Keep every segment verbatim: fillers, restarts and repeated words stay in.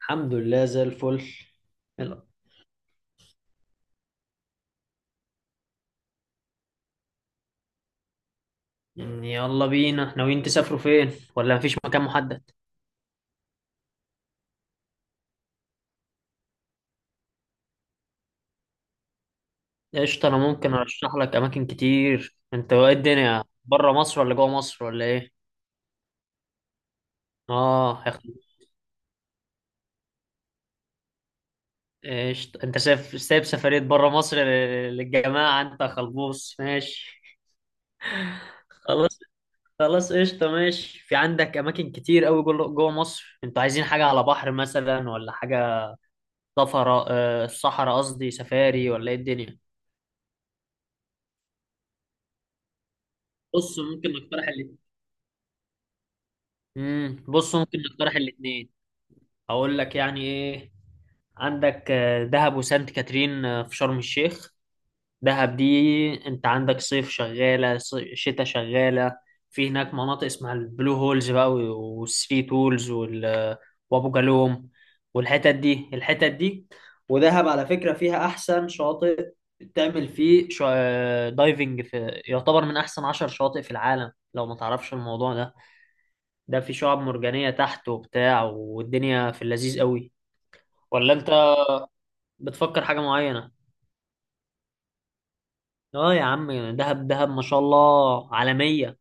الحمد لله زي الفل. يلا. يلا بينا، ناويين تسافروا فين، ولا مفيش مكان محدد؟ قشطة، انا ممكن ارشح لك اماكن كتير. انت ايه الدنيا؟ بره مصر ولا جوه مصر ولا ايه؟ اه يا خ- قشطة، انت سايب سايب سفرية بره مصر لل- للجماعة؟ انت خلبوص، ماشي. خلاص. خلاص قشطة ماشي. في عندك اماكن كتير قوي جوه جوه مصر. انتوا عايزين حاجة على بحر مثلا، ولا حاجة صفراء آه، صحراء قصدي، سفاري، ولا ايه الدنيا؟ بص ممكن نقترح امم بص ممكن نقترح الاثنين. اقول لك يعني ايه. عندك آه، دهب وسانت كاترين آه، في شرم الشيخ. دهب دي، انت عندك صيف شغاله، صي- شتاء شغاله. في هناك مناطق اسمها البلو هولز بقى، و- والثري تولز، وال- وابو جالوم، والحتت دي الحتت دي. ودهب على فكره فيها احسن شاطئ. تعمل فيه شا... دايفنج، في يعتبر من احسن عشر شواطئ في العالم لو ما تعرفش الموضوع ده. ده في شعاب مرجانية تحت وبتاع، والدنيا في اللذيذ قوي. ولا انت بتفكر حاجة معينة؟ اه يا عم. دهب دهب ما شاء الله عالمية.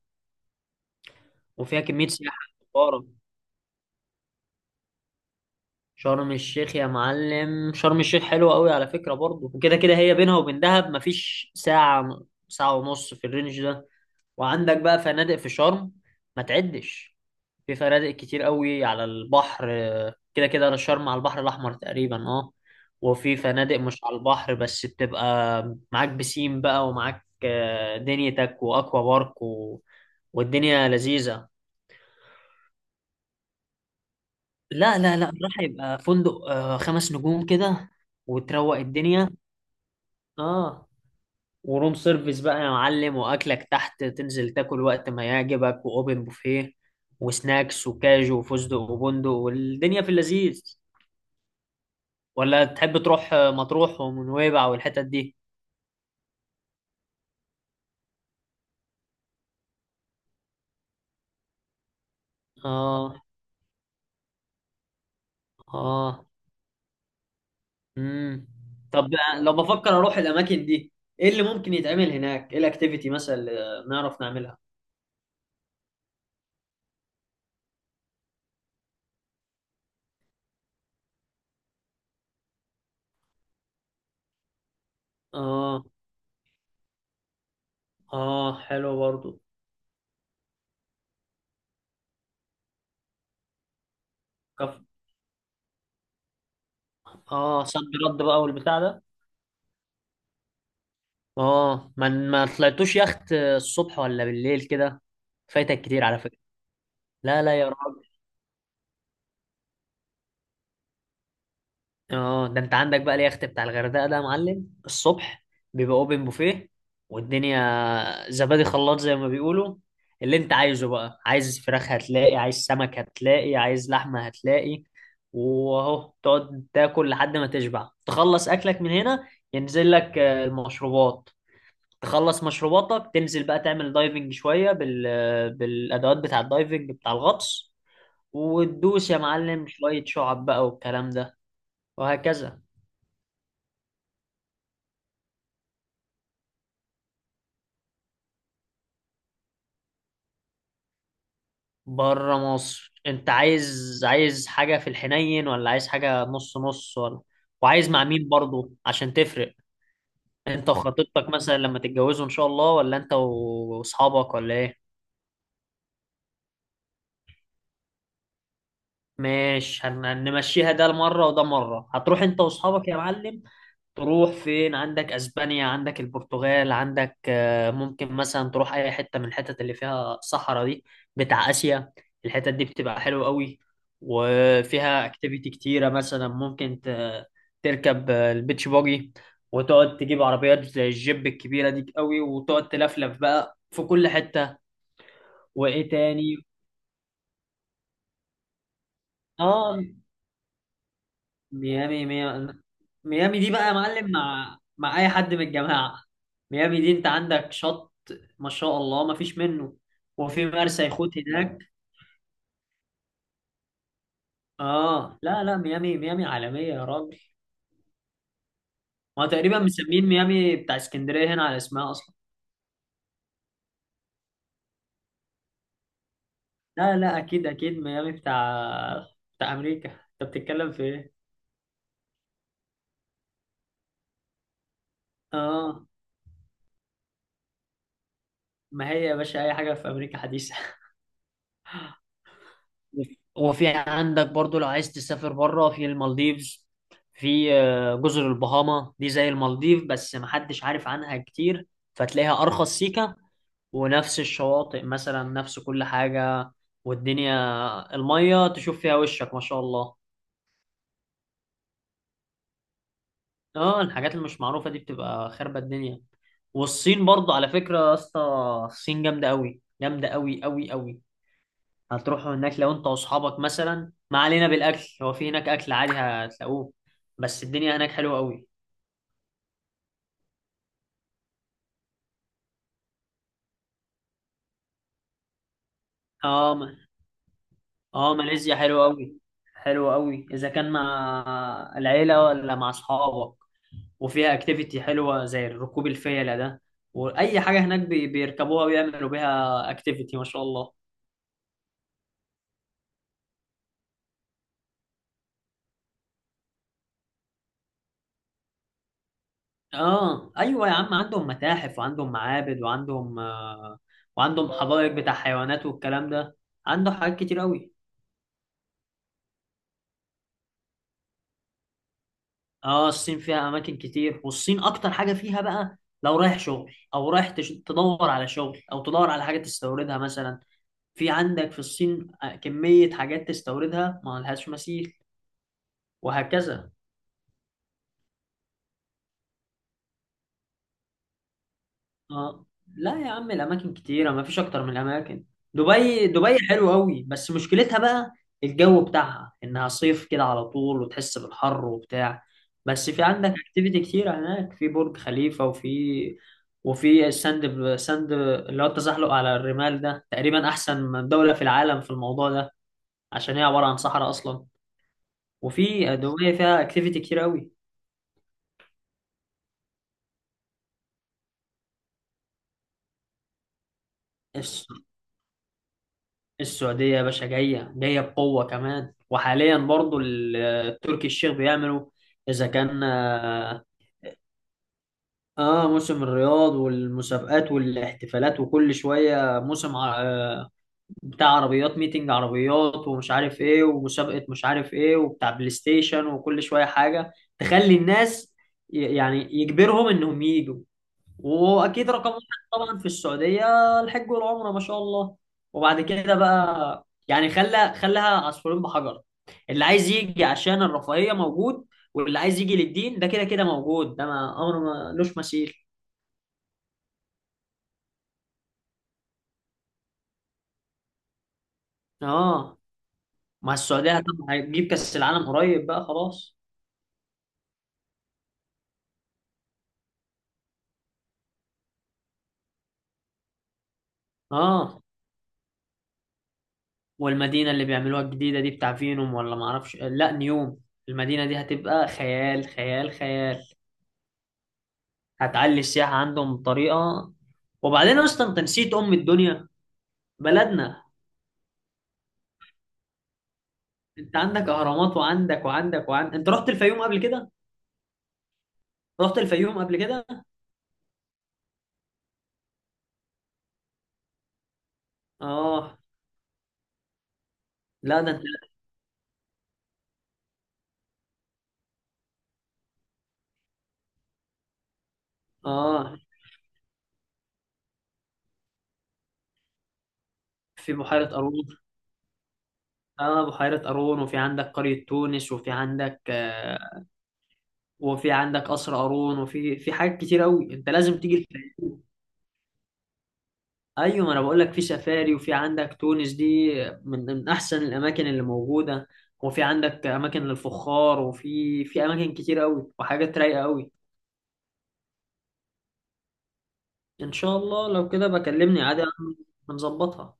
وفيها كمية سياحة كبارة. شرم الشيخ يا معلم، شرم الشيخ حلوة قوي على فكرة برضه. وكده كده هي بينها وبين دهب مفيش ساعة ساعة ونص في الرينج ده. وعندك بقى فنادق في شرم ما تعدش. في فنادق كتير قوي على البحر. آه، كده كده انا شرم على البحر الاحمر تقريبا، اه. وفي فنادق مش على البحر بس بتبقى معاك بسين بقى، ومعاك آه، دنيتك، واكوا بارك و... والدنيا لذيذة. لا لا لا، راح يبقى فندق آه، خمس نجوم كده، وتروق الدنيا. اه، وروم سيرفيس بقى يا معلم، واكلك تحت تنزل تاكل وقت ما يعجبك، واوبن بوفيه وسناكس وكاجو وفستق وبندق، والدنيا في اللذيذ. ولا تحب تروح مطروح ونويبع والحتت دي؟ اه. اه. امم طب لو بفكر اروح الاماكن دي، ايه اللي ممكن يتعمل هناك؟ ايه الاكتيفيتي مثلا اللي نعرف نعملها؟ اه. اه حلو برضو. كف. اه صد، رد بقى والبتاع ده. اه، ما ما طلعتوش يخت الصبح ولا بالليل كده؟ فايتك كتير على فكرة. لا لا يا راجل. اه، ده انت عندك بقى اليخت بتاع الغردقة ده يا معلم. الصبح بيبقى اوبن بوفيه، والدنيا زبادي خلاط زي ما بيقولوا. اللي انت عايزه بقى، عايز فراخ هتلاقي، عايز سمك هتلاقي، عايز لحمة هتلاقي. واهو تقعد تاكل لحد ما تشبع، تخلص اكلك من هنا، ينزل لك آه، المشروبات. تخلص مشروباتك، تنزل بقى تعمل دايفنج شوية بال... بالأدوات بتاع الدايفنج، بتاع الغطس. وتدوس يا معلم شوية شعب بقى والكلام ده، وهكذا. بره مصر، انت عايز عايز حاجة في الحنين، ولا عايز حاجة نص نص، ولا؟ وعايز مع مين برضو عشان تفرق؟ انت وخطيبتك مثلا لما تتجوزوا ان شاء الله، ولا انت و- واصحابك، ولا ايه؟ ماشي، هن- هنمشيها، ده مرة وده مرة. هتروح انت واصحابك يا معلم، تروح فين؟ عندك اسبانيا، عندك البرتغال، عندك آه، ممكن مثلا تروح اي حته من الحتت اللي فيها الصحراء دي بتاع اسيا. الحتت دي بتبقى حلوه قوي، وفيها اكتيفيتي كتيره. مثلا ممكن ت- تركب آه، البيتش باجي، وتقعد تجيب عربيات زي الجيب الكبيره دي قوي، وتقعد تلفلف بقى في كل حته. وايه تاني؟ اه. ميامي ميامي. ميامي دي بقى يا معلم، مع مع اي حد من الجماعه، ميامي دي انت عندك شط ما شاء الله، ما فيش منه. وفي مرسى يخوت هناك. اه لا لا، ميامي ميامي عالميه يا راجل. ما تقريبا مسمين ميامي بتاع اسكندريه هنا على اسمها اصلا. لا لا، اكيد اكيد ميامي بتاع بتاع امريكا. انت بتتكلم في ايه؟ اه، ما هي يا باشا اي حاجه في امريكا حديثه. وفي عندك برضو لو عايز تسافر بره، في المالديفز، في آه، جزر البهاما دي زي المالديف بس محدش عارف عنها كتير، فتلاقيها أرخص سيكة، ونفس الشواطئ مثلا، نفس كل حاجة. والدنيا المية تشوف فيها وشك ما شاء الله. اه، الحاجات اللي مش معروفة دي بتبقى خربة الدنيا. والصين برضو على فكرة يا اسطى، الصين جامدة أوي، جامدة أوي أوي أوي. هتروحوا هناك لو انت واصحابك مثلا، ما علينا. بالاكل هو في هناك اكل عادي هتلاقوه، بس الدنيا هناك حلوه قوي. اه ما- اه ماليزيا حلوه قوي، حلوه قوي اذا كان مع العيله ولا مع اصحابك. وفيها اكتيفيتي حلوه زي ركوب الفيله ده. واي حاجه هناك بي- بيركبوها ويعملوا بيها اكتيفيتي ما شاء الله. اه ايوه يا عم، عندهم متاحف، وعندهم معابد، وعندهم آه وعندهم حدائق بتاع حيوانات والكلام ده. عنده حاجات كتير قوي. اه، الصين فيها اماكن كتير، والصين اكتر حاجه فيها بقى لو رايح شغل، او رايح تش- تدور على شغل، او تدور على حاجه تستوردها مثلا. في عندك في الصين آه، كميه حاجات تستوردها ما لهاش مثيل، وهكذا. اه، لا يا عم، الاماكن كتيره ما فيش اكتر من الاماكن. دبي، دبي حلوه قوي، بس مشكلتها بقى الجو بتاعها انها صيف كده على طول، وتحس بالحر وبتاع. بس في عندك اكتيفيتي كتيره هناك، في برج خليفه وفي، وفي الساند ساند اللي هو التزحلق على الرمال ده، تقريبا احسن من دوله في العالم في الموضوع ده، عشان هي عباره عن صحراء اصلا. وفي دبي فيها اكتيفيتي كتير قوي. السعودية يا باشا جاية جاية بقوة كمان. وحاليا برضو ال- التركي الشيخ بيعملوا، إذا كان آه، آه، موسم الرياض والمسابقات والاحتفالات، وكل شوية موسم ع- آه بتاع عربيات، ميتنج عربيات، ومش عارف إيه، ومسابقة مش عارف إيه، وبتاع بلاي ستيشن، وكل شوية حاجة تخلي الناس، ي- يعني يجبرهم إنهم يجوا. واكيد رقم واحد طبعا في السعوديه الحج والعمره ما شاء الله. وبعد كده بقى يعني خلى خلاها عصفورين بحجر. اللي عايز يجي عشان الرفاهيه موجود، واللي عايز يجي للدين ده كده كده موجود. ده ما امر ملوش مثيل. اه، مع السعوديه طبعا هتجيب كاس العالم قريب بقى خلاص. اه، والمدينه اللي بيعملوها الجديده دي بتاع فينوم، ولا ما اعرفش، لا نيوم. المدينه دي هتبقى خيال خيال خيال. هتعلي السياحة عندهم بطريقة. وبعدين اصلا انت نسيت ام الدنيا، بلدنا. انت عندك اهرامات، وعندك وعندك وعندك. انت رحت الفيوم قبل كده؟ رحت الفيوم قبل كده؟ اه، لا ده انت. اه، في بحيرة قارون. اه، بحيرة قارون، وفي عندك قرية تونس، وفي عندك آه، وفي عندك قصر قارون، وفي في حاجات كتير قوي، انت لازم تيجي. ايوه، ما انا بقول لك في سفاري. وفي عندك تونس دي من من احسن الاماكن اللي موجوده. وفي عندك اماكن للفخار، وفي في اماكن كتير قوي، وحاجات رايقه قوي. ان شاء الله لو كده بكلمني عادي، هنظبطها.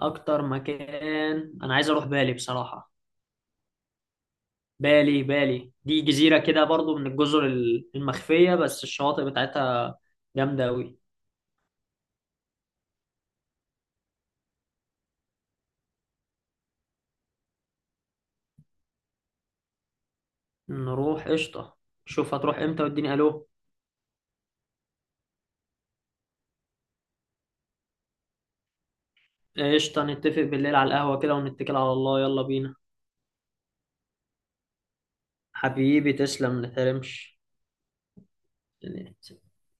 اكتر مكان انا عايز اروح بالي بصراحه. بالي، بالي دي جزيره كده برضو، من الجزر ال- المخفيه، بس الشواطئ بتاعتها جامده قوي. نروح قشطه. شوف هتروح امتى واديني الو. قشطه، نتفق بالليل على القهوه كده، ونتكل على الله، يلا بينا. حبيبي تسلم، ما تحرمش يعني.